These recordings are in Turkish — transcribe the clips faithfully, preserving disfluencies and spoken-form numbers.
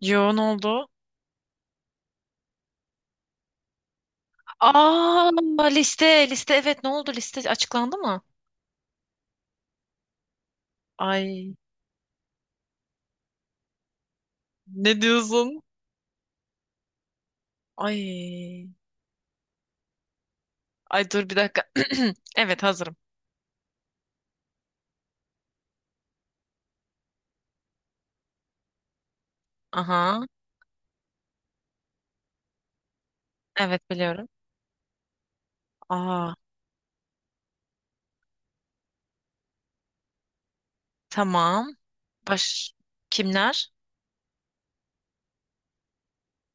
Yo, ne oldu? Aa, liste liste, evet, ne oldu, liste açıklandı mı? Ay, ne diyorsun? Ay, ay, dur bir dakika. Evet, hazırım. Aha, evet biliyorum. Aa, tamam. Baş kimler?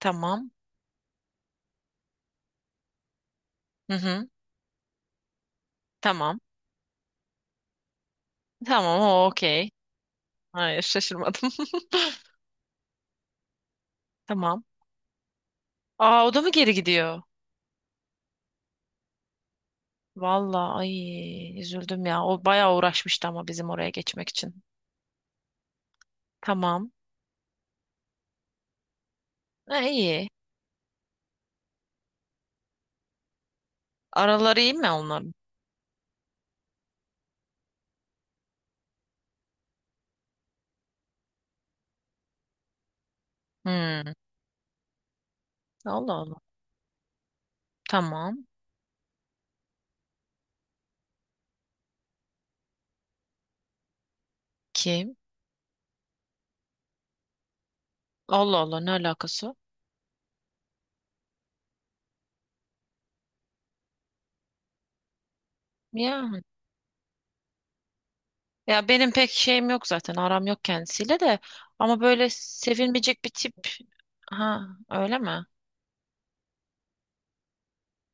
Tamam. Hı hı. Tamam. Tamam, o okey. Hayır, şaşırmadım. Tamam. Aa, o da mı geri gidiyor? Vallahi ay, üzüldüm ya. O bayağı uğraşmıştı ama bizim oraya geçmek için. Tamam. Ha, iyi. Araları iyi mi onların? Hmm. Allah Allah. Tamam. Kim? Allah Allah, ne alakası? Ya, ya benim pek şeyim yok zaten. Aram yok kendisiyle de. Ama böyle sevilmeyecek bir tip. Ha, öyle mi?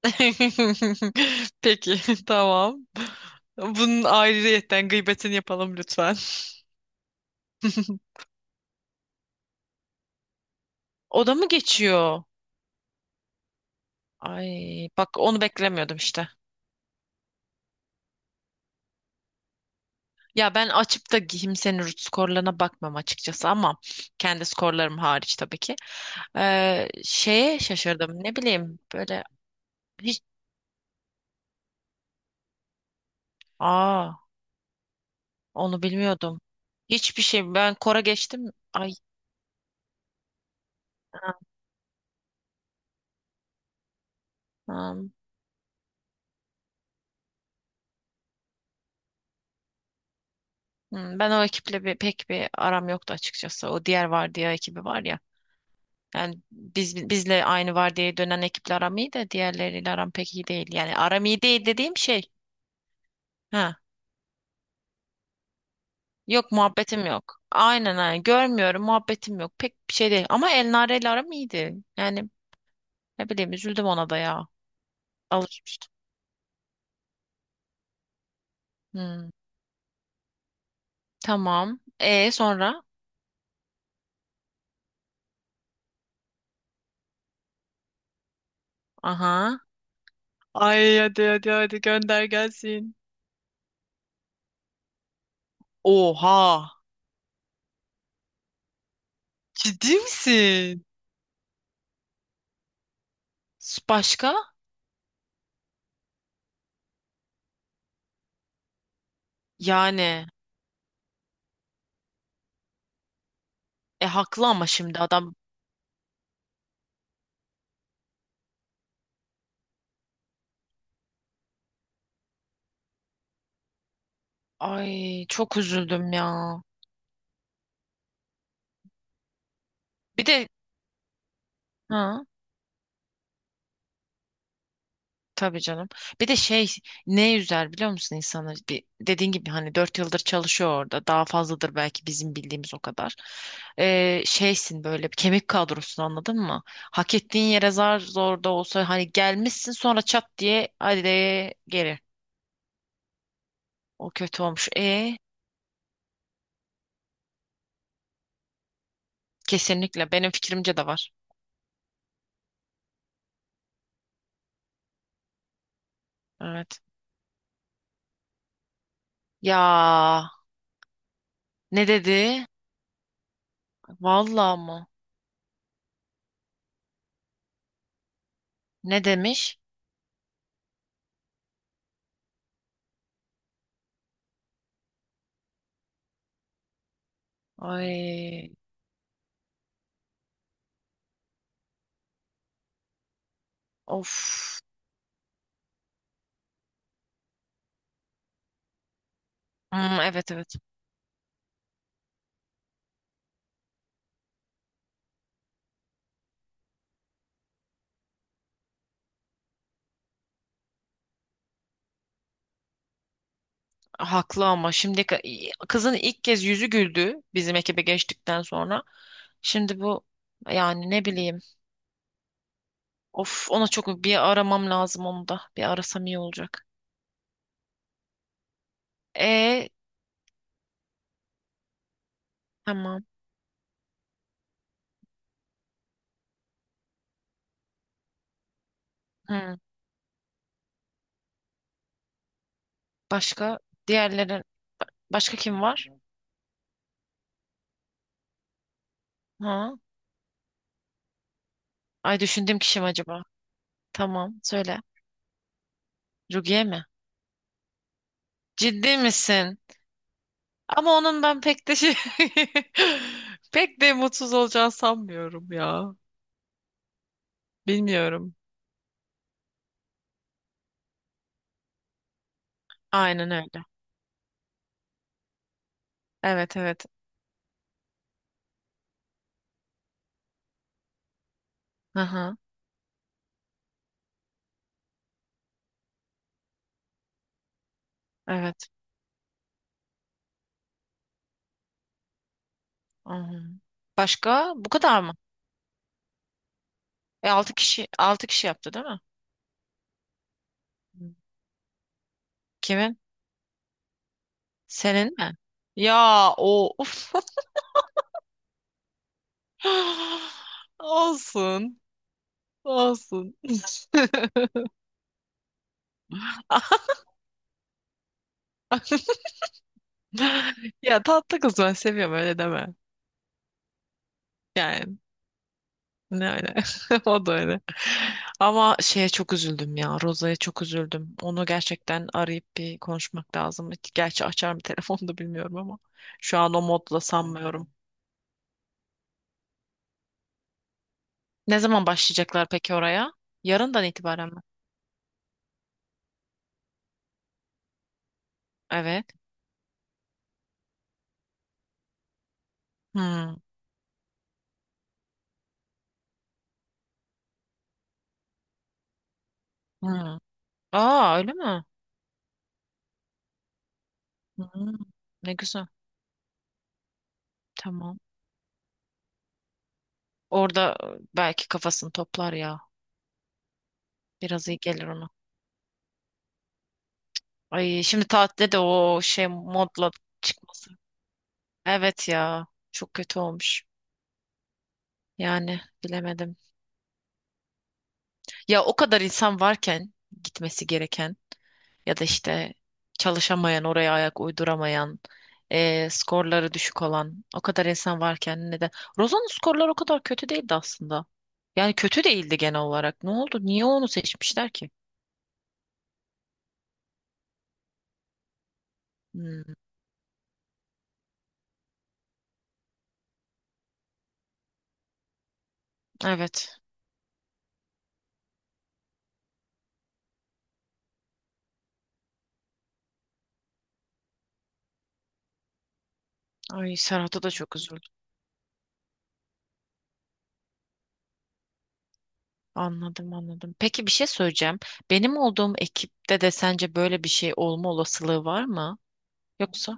Peki, tamam. Bunun ayrıyetten gıybetini yapalım lütfen. O da mı geçiyor? Ay, bak onu beklemiyordum işte. Ya ben açıp da kimsenin root skorlarına bakmam açıkçası, ama kendi skorlarım hariç tabii ki. Ee, şeye şaşırdım. Ne bileyim böyle hiç. Aa, onu bilmiyordum. Hiçbir şey, ben Kora geçtim. Ay, ha, ha. Hmm, ben o ekiple bir, pek bir aram yoktu açıkçası. O diğer vardiya ekibi var ya. Yani biz, bizle aynı vardiyaya dönen ekiple aram iyi de diğerleriyle aram pek iyi değil. Yani aram iyi değil dediğim şey. Ha. Yok, muhabbetim yok. Aynen aynen. Görmüyorum, muhabbetim yok. Pek bir şey değil. Ama Elnare ile aram iyiydi. Yani ne bileyim, üzüldüm ona da ya. Alışmıştım. Hmm. Tamam. E sonra? Aha. Ay, hadi hadi hadi, gönder gelsin. Oha. Ciddi misin? Başka? Yani. E haklı ama şimdi adam. Ay, çok üzüldüm ya. Bir de ha. Tabii canım. Bir de şey, ne üzer biliyor musun insanı? Bir, dediğin gibi hani dört yıldır çalışıyor orada. Daha fazladır belki bizim bildiğimiz, o kadar. Ee, şeysin böyle, bir kemik kadrosun, anladın mı? Hak ettiğin yere zar zor da olsa hani gelmişsin, sonra çat diye hadi de geri. O kötü olmuş. E kesinlikle benim fikrimce de var. Evet. Ya ne dedi? Vallahi mı? Ne demiş? Ay of. Hmm, evet evet. Haklı ama şimdi, ka- kızın ilk kez yüzü güldü bizim ekibe geçtikten sonra. Şimdi bu, yani ne bileyim. Of, ona çok bir aramam lazım, onu da. Bir arasam iyi olacak. E tamam. Hı. Başka, diğerlerin, başka kim var? Ha? Ay, düşündüğüm kişi mi acaba? Tamam, söyle. Rukiye mi? Ciddi misin? Ama onun ben pek de şey, pek de mutsuz olacağını sanmıyorum ya. Bilmiyorum. Aynen öyle. Evet evet. Hı hı. Evet. Hı hı. Başka? Bu kadar mı? E, altı kişi, altı kişi yaptı değil mi? Hı. Kimin? Senin mi? Ya o uf. Olsun. Olsun. Ya tatlı kız, ben seviyorum, öyle deme. Yani ne öyle. O da öyle. Ama şeye çok üzüldüm ya. Roza'ya çok üzüldüm. Onu gerçekten arayıp bir konuşmak lazım. Gerçi açar mı telefonu da bilmiyorum ama. Şu an o modda sanmıyorum. Ne zaman başlayacaklar peki oraya? Yarından itibaren mi? Evet. Hmm. Hmm. Aa, öyle mi? Hmm. Ne güzel. Tamam. Orada e, belki kafasını toplar ya. Biraz iyi gelir ona. Ay, şimdi tatilde de o şey modla çıkması. Evet ya. Çok kötü olmuş. Yani bilemedim. Ya o kadar insan varken, gitmesi gereken, ya da işte çalışamayan, oraya ayak uyduramayan, e, skorları düşük olan o kadar insan varken, neden? Rozan'ın skorları o kadar kötü değildi aslında. Yani kötü değildi genel olarak. Ne oldu? Niye onu seçmişler ki? Hmm, evet. Ay, Serhat'a da çok üzüldüm. Anladım anladım. Peki, bir şey söyleyeceğim. Benim olduğum ekipte de sence böyle bir şey olma olasılığı var mı? Yoksa?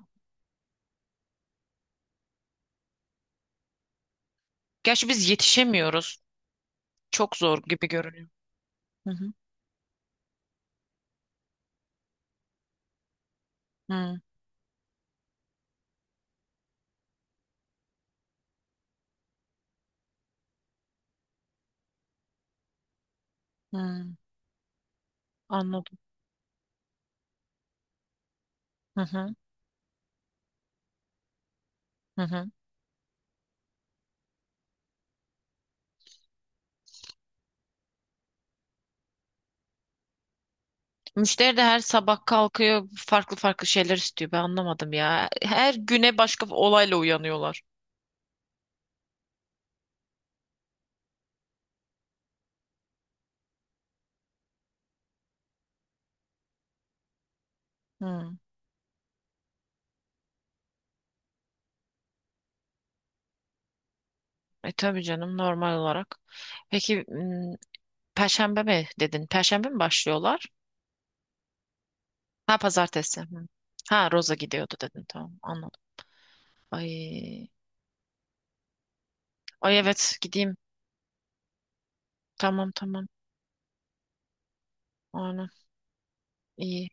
Gerçi biz yetişemiyoruz. Çok zor gibi görünüyor. Hı hı. Hı hı. Anladım. Hı hı. Hı hı. Müşteri de her sabah kalkıyor, farklı farklı şeyler istiyor. Ben anlamadım ya. Her güne başka bir olayla uyanıyorlar. Hmm. E tabii canım, normal olarak. Peki m, Perşembe mi dedin? Perşembe mi başlıyorlar? Ha, pazartesi. Hı. Ha, Roza gidiyordu dedin. Tamam, anladım. Ay. Ay, evet, gideyim. Tamam tamam. Aynen. İyi.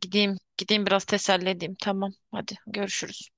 Gideyim. Gideyim biraz teselli edeyim. Tamam. Hadi görüşürüz.